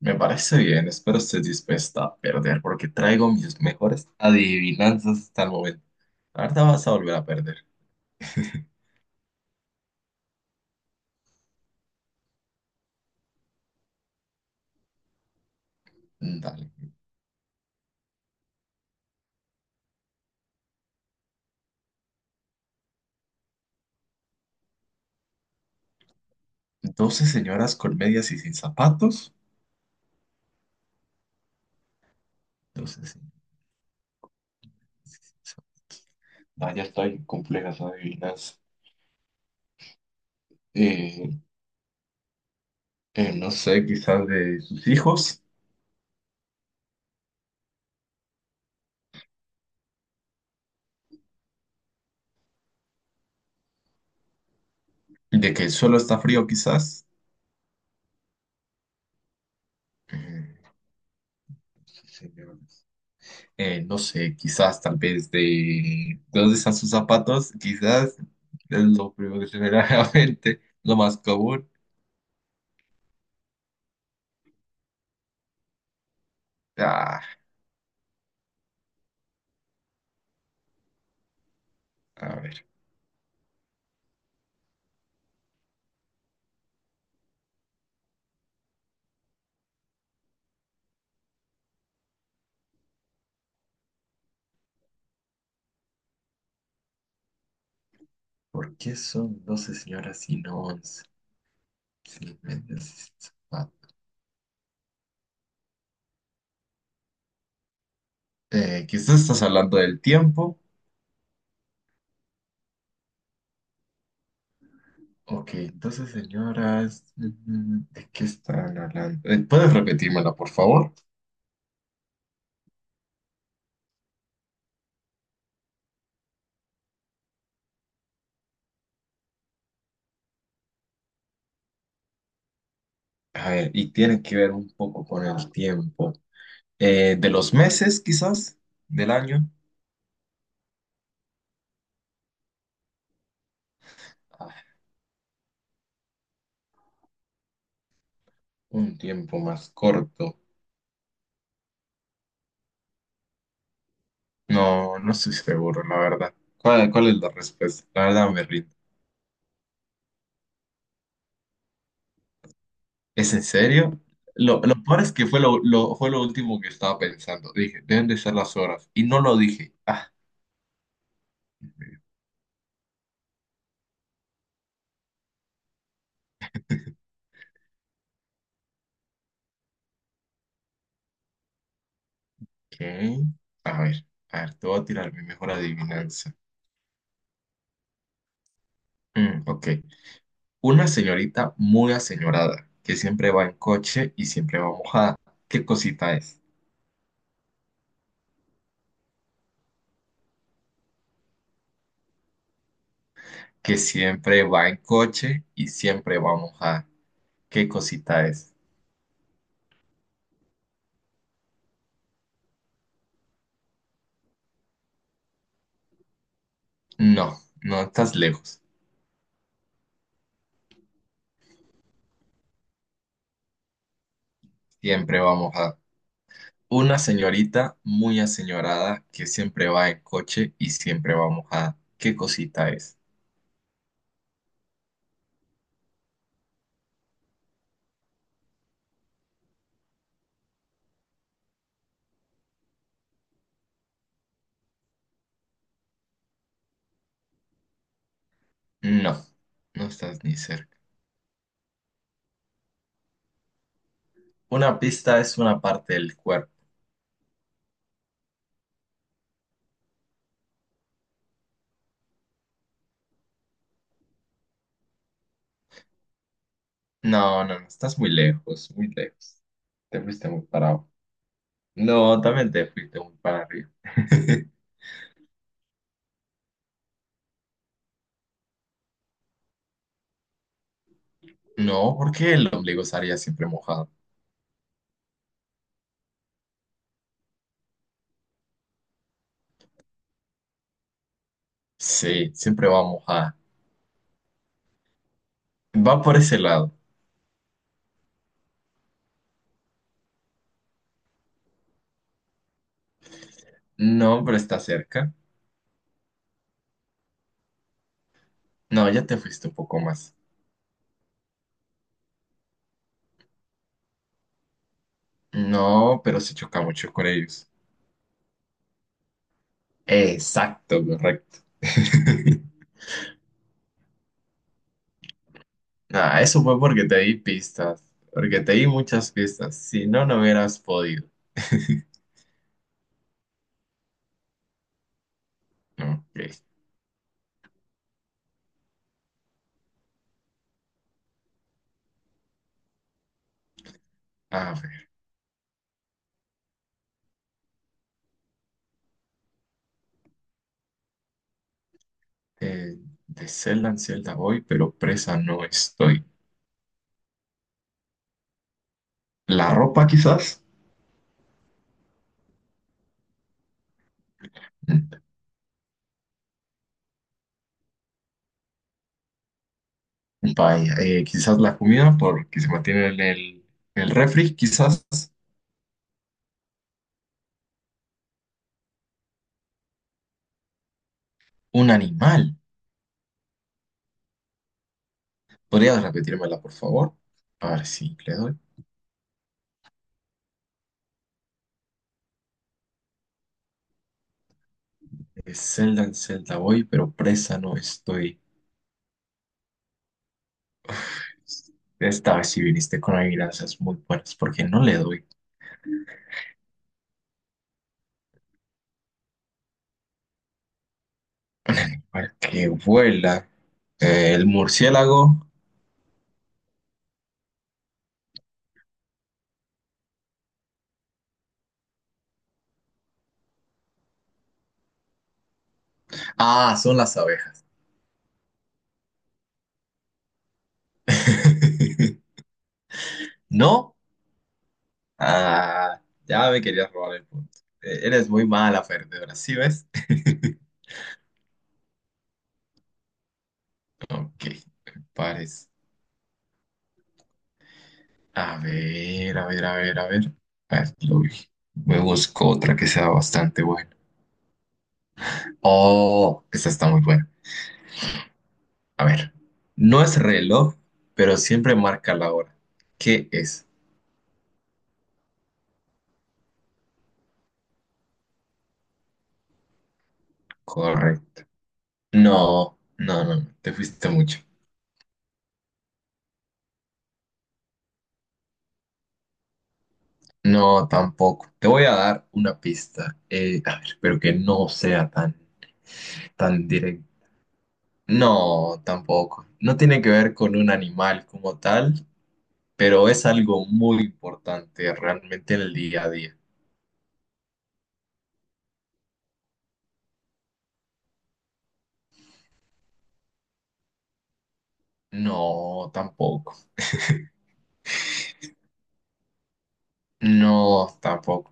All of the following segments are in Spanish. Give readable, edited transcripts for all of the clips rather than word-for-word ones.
Me parece bien, espero estés dispuesta a perder porque traigo mis mejores adivinanzas hasta el momento. Ahorita vas a volver a perder. Dale. 12 señoras con medias y sin zapatos. 12 señoras. Ah, ya estoy complejas adivinas. Eh, no sé, quizás de sus hijos. De que el suelo está frío, quizás. Eh, sí, señor. No sé, quizás tal vez de dónde están sus zapatos, quizás es lo primero que se me viene a la mente, lo más común. Ah, a ver, ¿por qué son 12 señoras y no 11? Sí, me ah, quizás estás hablando del tiempo. Ok, entonces señoras, ¿de qué están hablando? ¿Puedes repetírmela, por favor? A ver, y tiene que ver un poco con el tiempo. ¿De los meses, quizás? ¿Del año? Un tiempo más corto. No, no estoy seguro, la verdad. ¿Cuál es la respuesta? La verdad me rindo. ¿Es en serio? Lo peor es que fue fue lo último que estaba pensando. Dije, deben de ser las horas. Y no lo dije. Ah, ¿qué? A ver, a ver, te voy a tirar mi mejor adivinanza. Mm, ok. Una señorita muy aseñorada, que siempre va en coche y siempre va mojada. ¿Qué cosita es? Que siempre va en coche y siempre va mojada. ¿Qué cosita es? No, no estás lejos. Siempre vamos a una señorita muy aseñorada que siempre va en coche y siempre vamos a... ¿Qué cosita es? No, no estás ni cerca. Una pista es una parte del cuerpo. No, estás muy lejos, muy lejos. Te fuiste muy para abajo. No, también te fuiste muy para arriba. No, porque el ombligo estaría siempre mojado. Sí, siempre va mojada. Va por ese lado. No, pero está cerca. No, ya te fuiste un poco más. No, pero se choca mucho con ellos. Exacto, correcto. Nada, eso fue porque te di pistas, porque te di muchas pistas. Si no, no hubieras podido. Ok, a ver. eh, de celda en celda voy, pero presa no estoy. ¿La ropa quizás? Mm, vaya, quizás la comida porque se mantiene en en el refri, quizás un animal. ¿Podrías repetírmela, por favor? A ver si le doy. De celda en celda voy, pero presa no estoy. Esta vez si viniste con adivinanzas muy buenas, porque no le doy. Al que vuela, el murciélago. Ah, son las abejas. ¿No? Ah, ya me querías robar el punto. Eres muy mala, perdedora, ¿sí ves? Ok, pares. A ver. A ver, lo vi. Me busco otra que sea bastante buena. Oh, esta está muy buena. A ver, no es reloj, pero siempre marca la hora. ¿Qué es? Correcto. No, te fuiste mucho. No, tampoco. Te voy a dar una pista. A ver, pero que no sea tan, tan directo. No, tampoco. No tiene que ver con un animal como tal, pero es algo muy importante realmente en el día a día. No, tampoco. No, tampoco.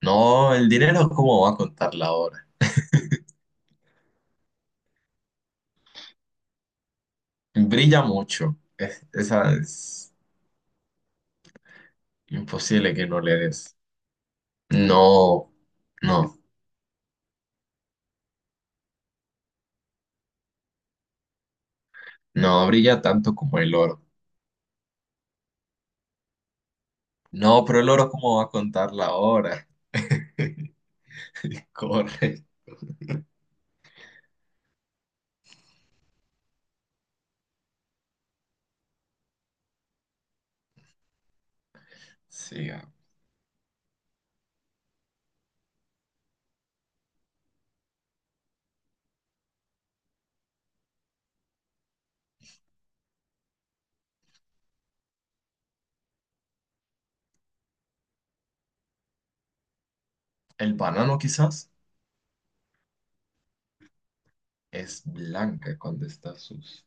No, el dinero, ¿cómo va a contar la hora? Brilla mucho. Esa es imposible que no le des. No, no, no brilla tanto como el oro. No, pero el oro, ¿cómo va a contar la hora? Corre. Sí, ah. El banano quizás es blanca cuando está sucio.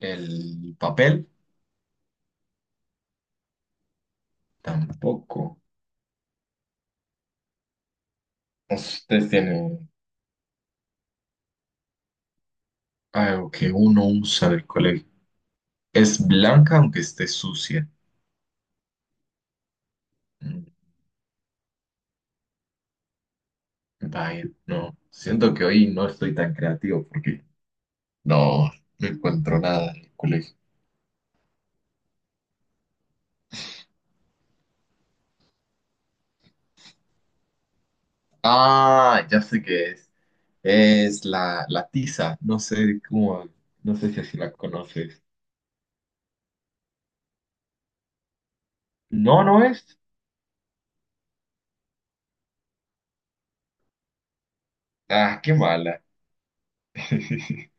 El papel tampoco. Ustedes tienen algo que uno usa del colegio. Es blanca aunque esté sucia. Vaya, no, siento que hoy no estoy tan creativo porque no, no encuentro nada en el colegio. Ah, ya sé qué es. Es la tiza. No sé cómo, no sé si así la conoces. No, no es. Ah, qué mala.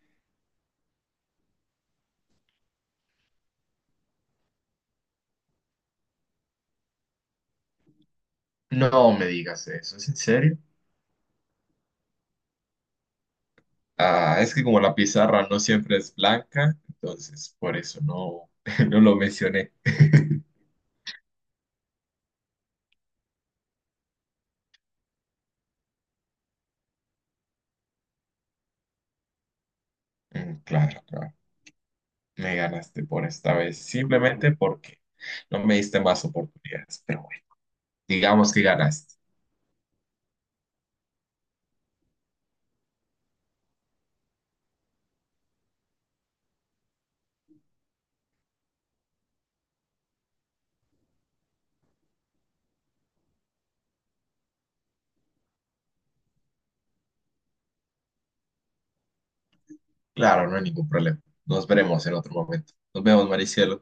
No me digas eso, ¿es en serio? Ah, es que como la pizarra no siempre es blanca, entonces por eso no, no lo mencioné. Mm, claro, claro. Me ganaste por esta vez, simplemente porque no me diste más oportunidades. Pero bueno, digamos que ganaste. Claro, no hay ningún problema. Nos veremos en otro momento. Nos vemos, Maricielo.